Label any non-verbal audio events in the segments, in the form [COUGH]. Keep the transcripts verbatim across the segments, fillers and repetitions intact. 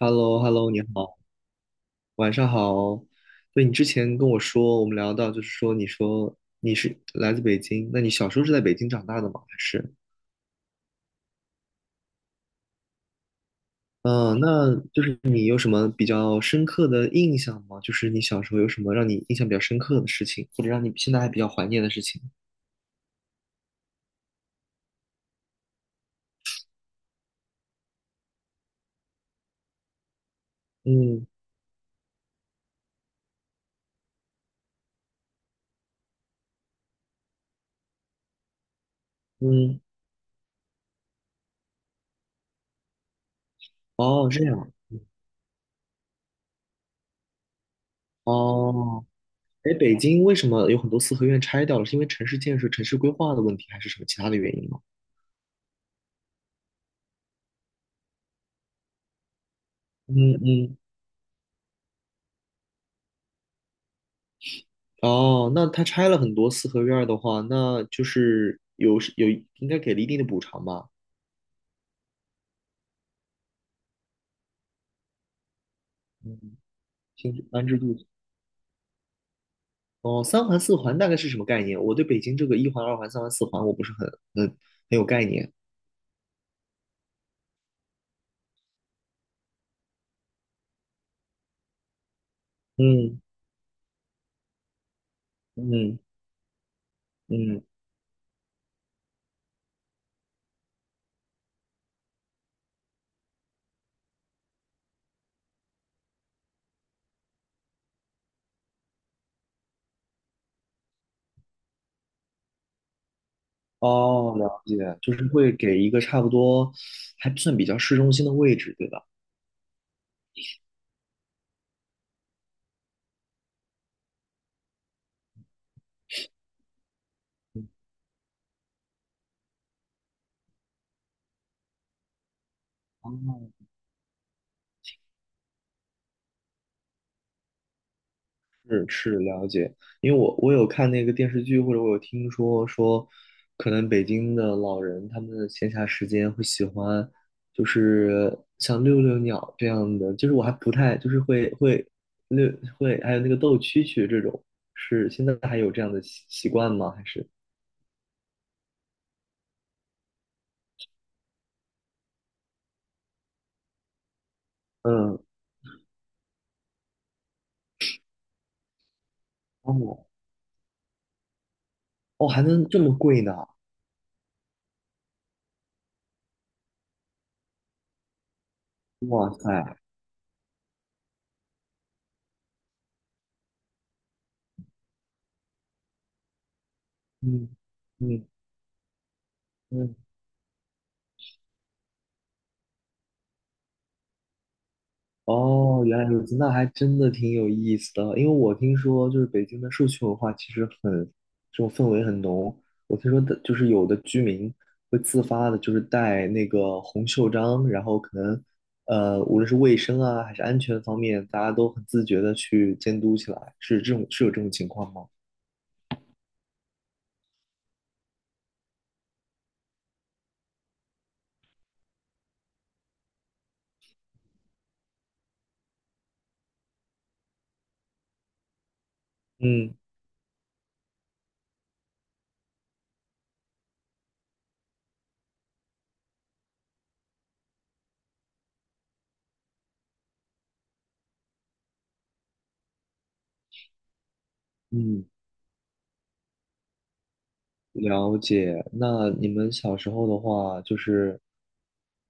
h e l l o h e l l o 你好，晚上好。对，你之前跟我说，我们聊到就是说，你说你是来自北京，那你小时候是在北京长大的吗？还是？嗯、那就是你有什么比较深刻的印象吗？就是你小时候有什么让你印象比较深刻的事情，或者让你现在还比较怀念的事情？嗯嗯。哦，这样。哦，哎，北京为什么有很多四合院拆掉了？是因为城市建设、城市规划的问题，还是什么其他的原因吗？嗯嗯。哦，那他拆了很多四合院儿的话，那就是有是有应该给了一定的补偿吧？嗯，性质安置住宿。哦，三环四环大概是什么概念？我对北京这个一环、二环、三环、四环我不是很很很有概念。嗯嗯嗯。哦，了解，就是会给一个差不多还算比较市中心的位置，对吧？嗯。哦，是是，了解。因为我我有看那个电视剧，或者我有听说说，可能北京的老人他们的闲暇时间会喜欢，就是像遛遛鸟这样的，就是我还不太就是会会遛会，还有那个斗蛐蛐这种，是现在还有这样的习习惯吗？还是嗯。哦，哦还能这么贵呢？哇塞。嗯嗯嗯。哦，原来如此，那还真的挺有意思的。因为我听说，就是北京的社区文化其实很，这种氛围很浓。我听说的，就是有的居民会自发的，就是带那个红袖章，然后可能，呃，无论是卫生啊，还是安全方面，大家都很自觉的去监督起来。是这种，是有这种情况吗？嗯嗯。了解。那你们小时候的话，就是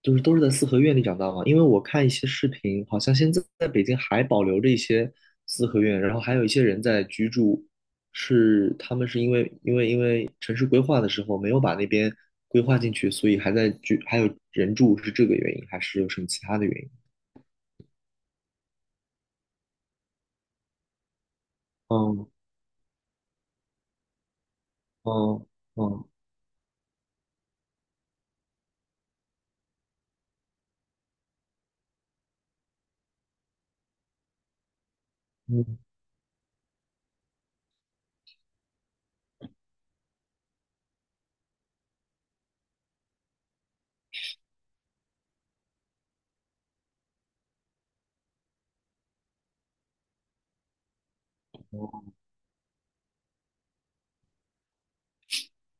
就是都是在四合院里长大吗？因为我看一些视频，好像现在在北京还保留着一些四合院，然后还有一些人在居住，是他们是因为因为因为城市规划的时候没有把那边规划进去，所以还在居，还有人住，是这个原因，还是有什么其他的原因？嗯嗯嗯嗯。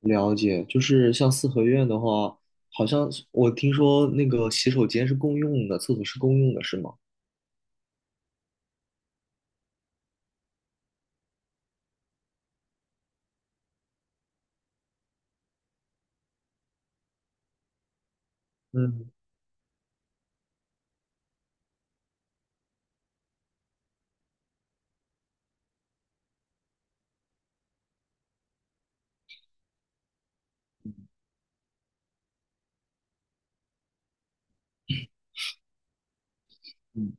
了解，就是像四合院的话，好像是我听说那个洗手间是共用的，厕所是共用的，是吗？嗯嗯。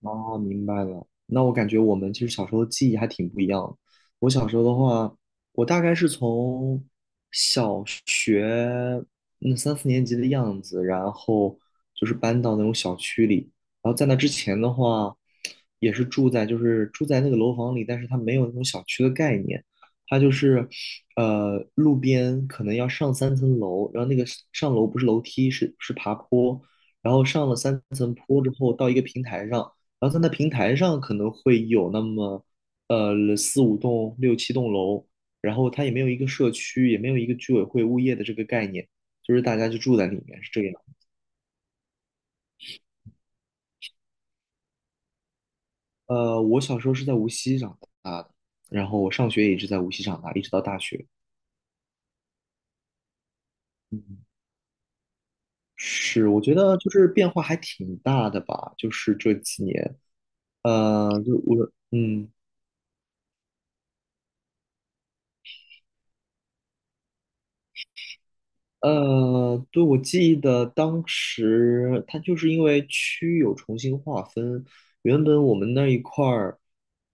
哦，明白了。那我感觉我们其实小时候记忆还挺不一样的。我小时候的话，我大概是从小学那三四年级的样子，然后就是搬到那种小区里。然后在那之前的话，也是住在就是住在那个楼房里，但是它没有那种小区的概念，它就是呃路边可能要上三层楼，然后那个上楼不是楼梯，是是爬坡。然后上了三层坡之后，到一个平台上，然后在那平台上可能会有那么呃四五栋、六七栋楼，然后它也没有一个社区，也没有一个居委会物业的这个概念，就是大家就住在里面是这样。呃，我小时候是在无锡长大的，然后我上学也一直在无锡长大，一直到大学。嗯，是，我觉得就是变化还挺大的吧，就是这几年，呃，就我，嗯。呃，对，我记得当时，它就是因为区有重新划分，原本我们那一块儿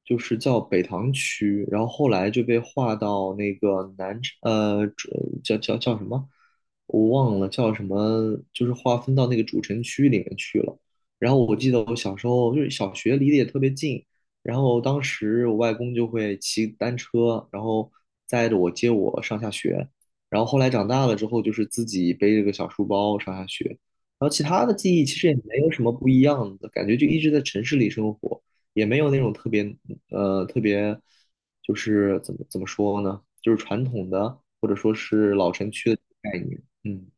就是叫北塘区，然后后来就被划到那个南城，呃，主叫叫叫什么，我忘了叫什么，就是划分到那个主城区里面去了。然后我记得我小时候就是小学离得也特别近，然后当时我外公就会骑单车，然后载着我接我上下学。然后后来长大了之后，就是自己背着个小书包上下学，然后其他的记忆其实也没有什么不一样的感觉，就一直在城市里生活，也没有那种特别呃特别就是怎么怎么说呢，就是传统的或者说是老城区的概念，嗯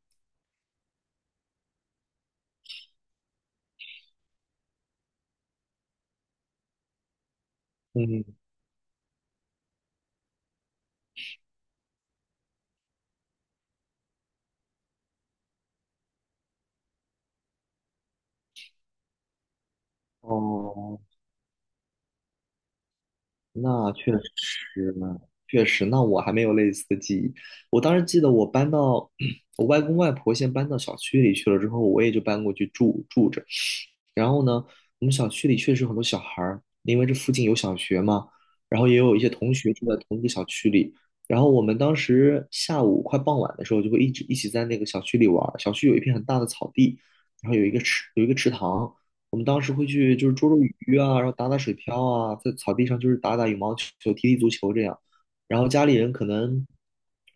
嗯。哦，那确实呢，确实，那我还没有类似的记忆。我当时记得我搬到 [CLEARS THROAT] 我外公外婆先搬到小区里去了之后，我也就搬过去住住着。然后呢，我们小区里确实有很多小孩儿，因为这附近有小学嘛，然后也有一些同学住在同一个小区里。然后我们当时下午快傍晚的时候，就会一直一起在那个小区里玩儿。小区有一片很大的草地，然后有一个池，有一个池塘。我们当时会去就是捉捉鱼啊，然后打打水漂啊，在草地上就是打打羽毛球、踢踢足球这样。然后家里人可能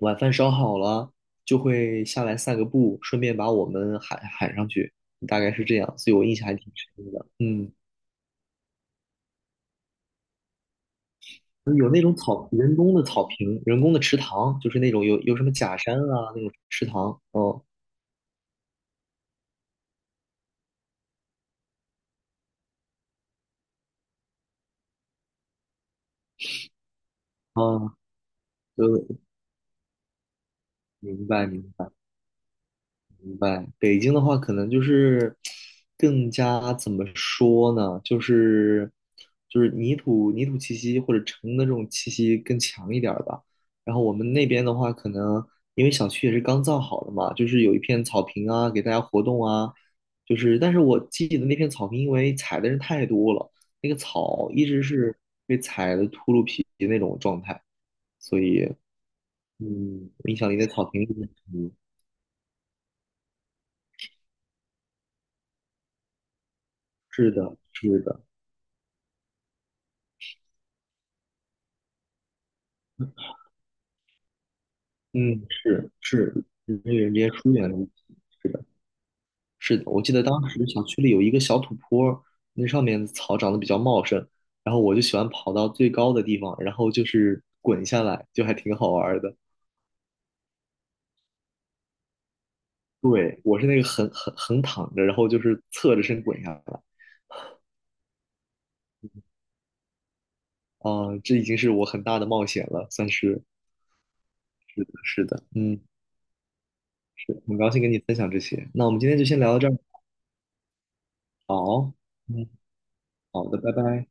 晚饭烧好了，就会下来散个步，顺便把我们喊喊上去。大概是这样，所以我印象还挺深的。嗯，有那种草，人工的草坪，人工的池塘，就是那种有有什么假山啊那种池塘。哦，哦，呃，明白明白。明白，北京的话，可能就是更加怎么说呢？就是就是泥土泥土气息或者城的这种气息更强一点儿吧。然后我们那边的话，可能因为小区也是刚造好的嘛，就是有一片草坪啊，给大家活动啊。就是，但是我记得那片草坪，因为踩的人太多了，那个草一直是被踩的秃噜皮的那种状态，所以嗯，影响你的草坪。嗯，是的，是的。嗯，是是，人与人之间疏远的问题。是的，是的，我记得当时小区里有一个小土坡儿，那上面的草长得比较茂盛，然后我就喜欢跑到最高的地方，然后就是滚下来，就还挺好玩儿的。对，我是那个横横横躺着，然后就是侧着身滚下来。啊、这已经是我很大的冒险了，算是。是的，是的，嗯，是，很高兴跟你分享这些。那我们今天就先聊到这儿。好，嗯，好的，拜拜。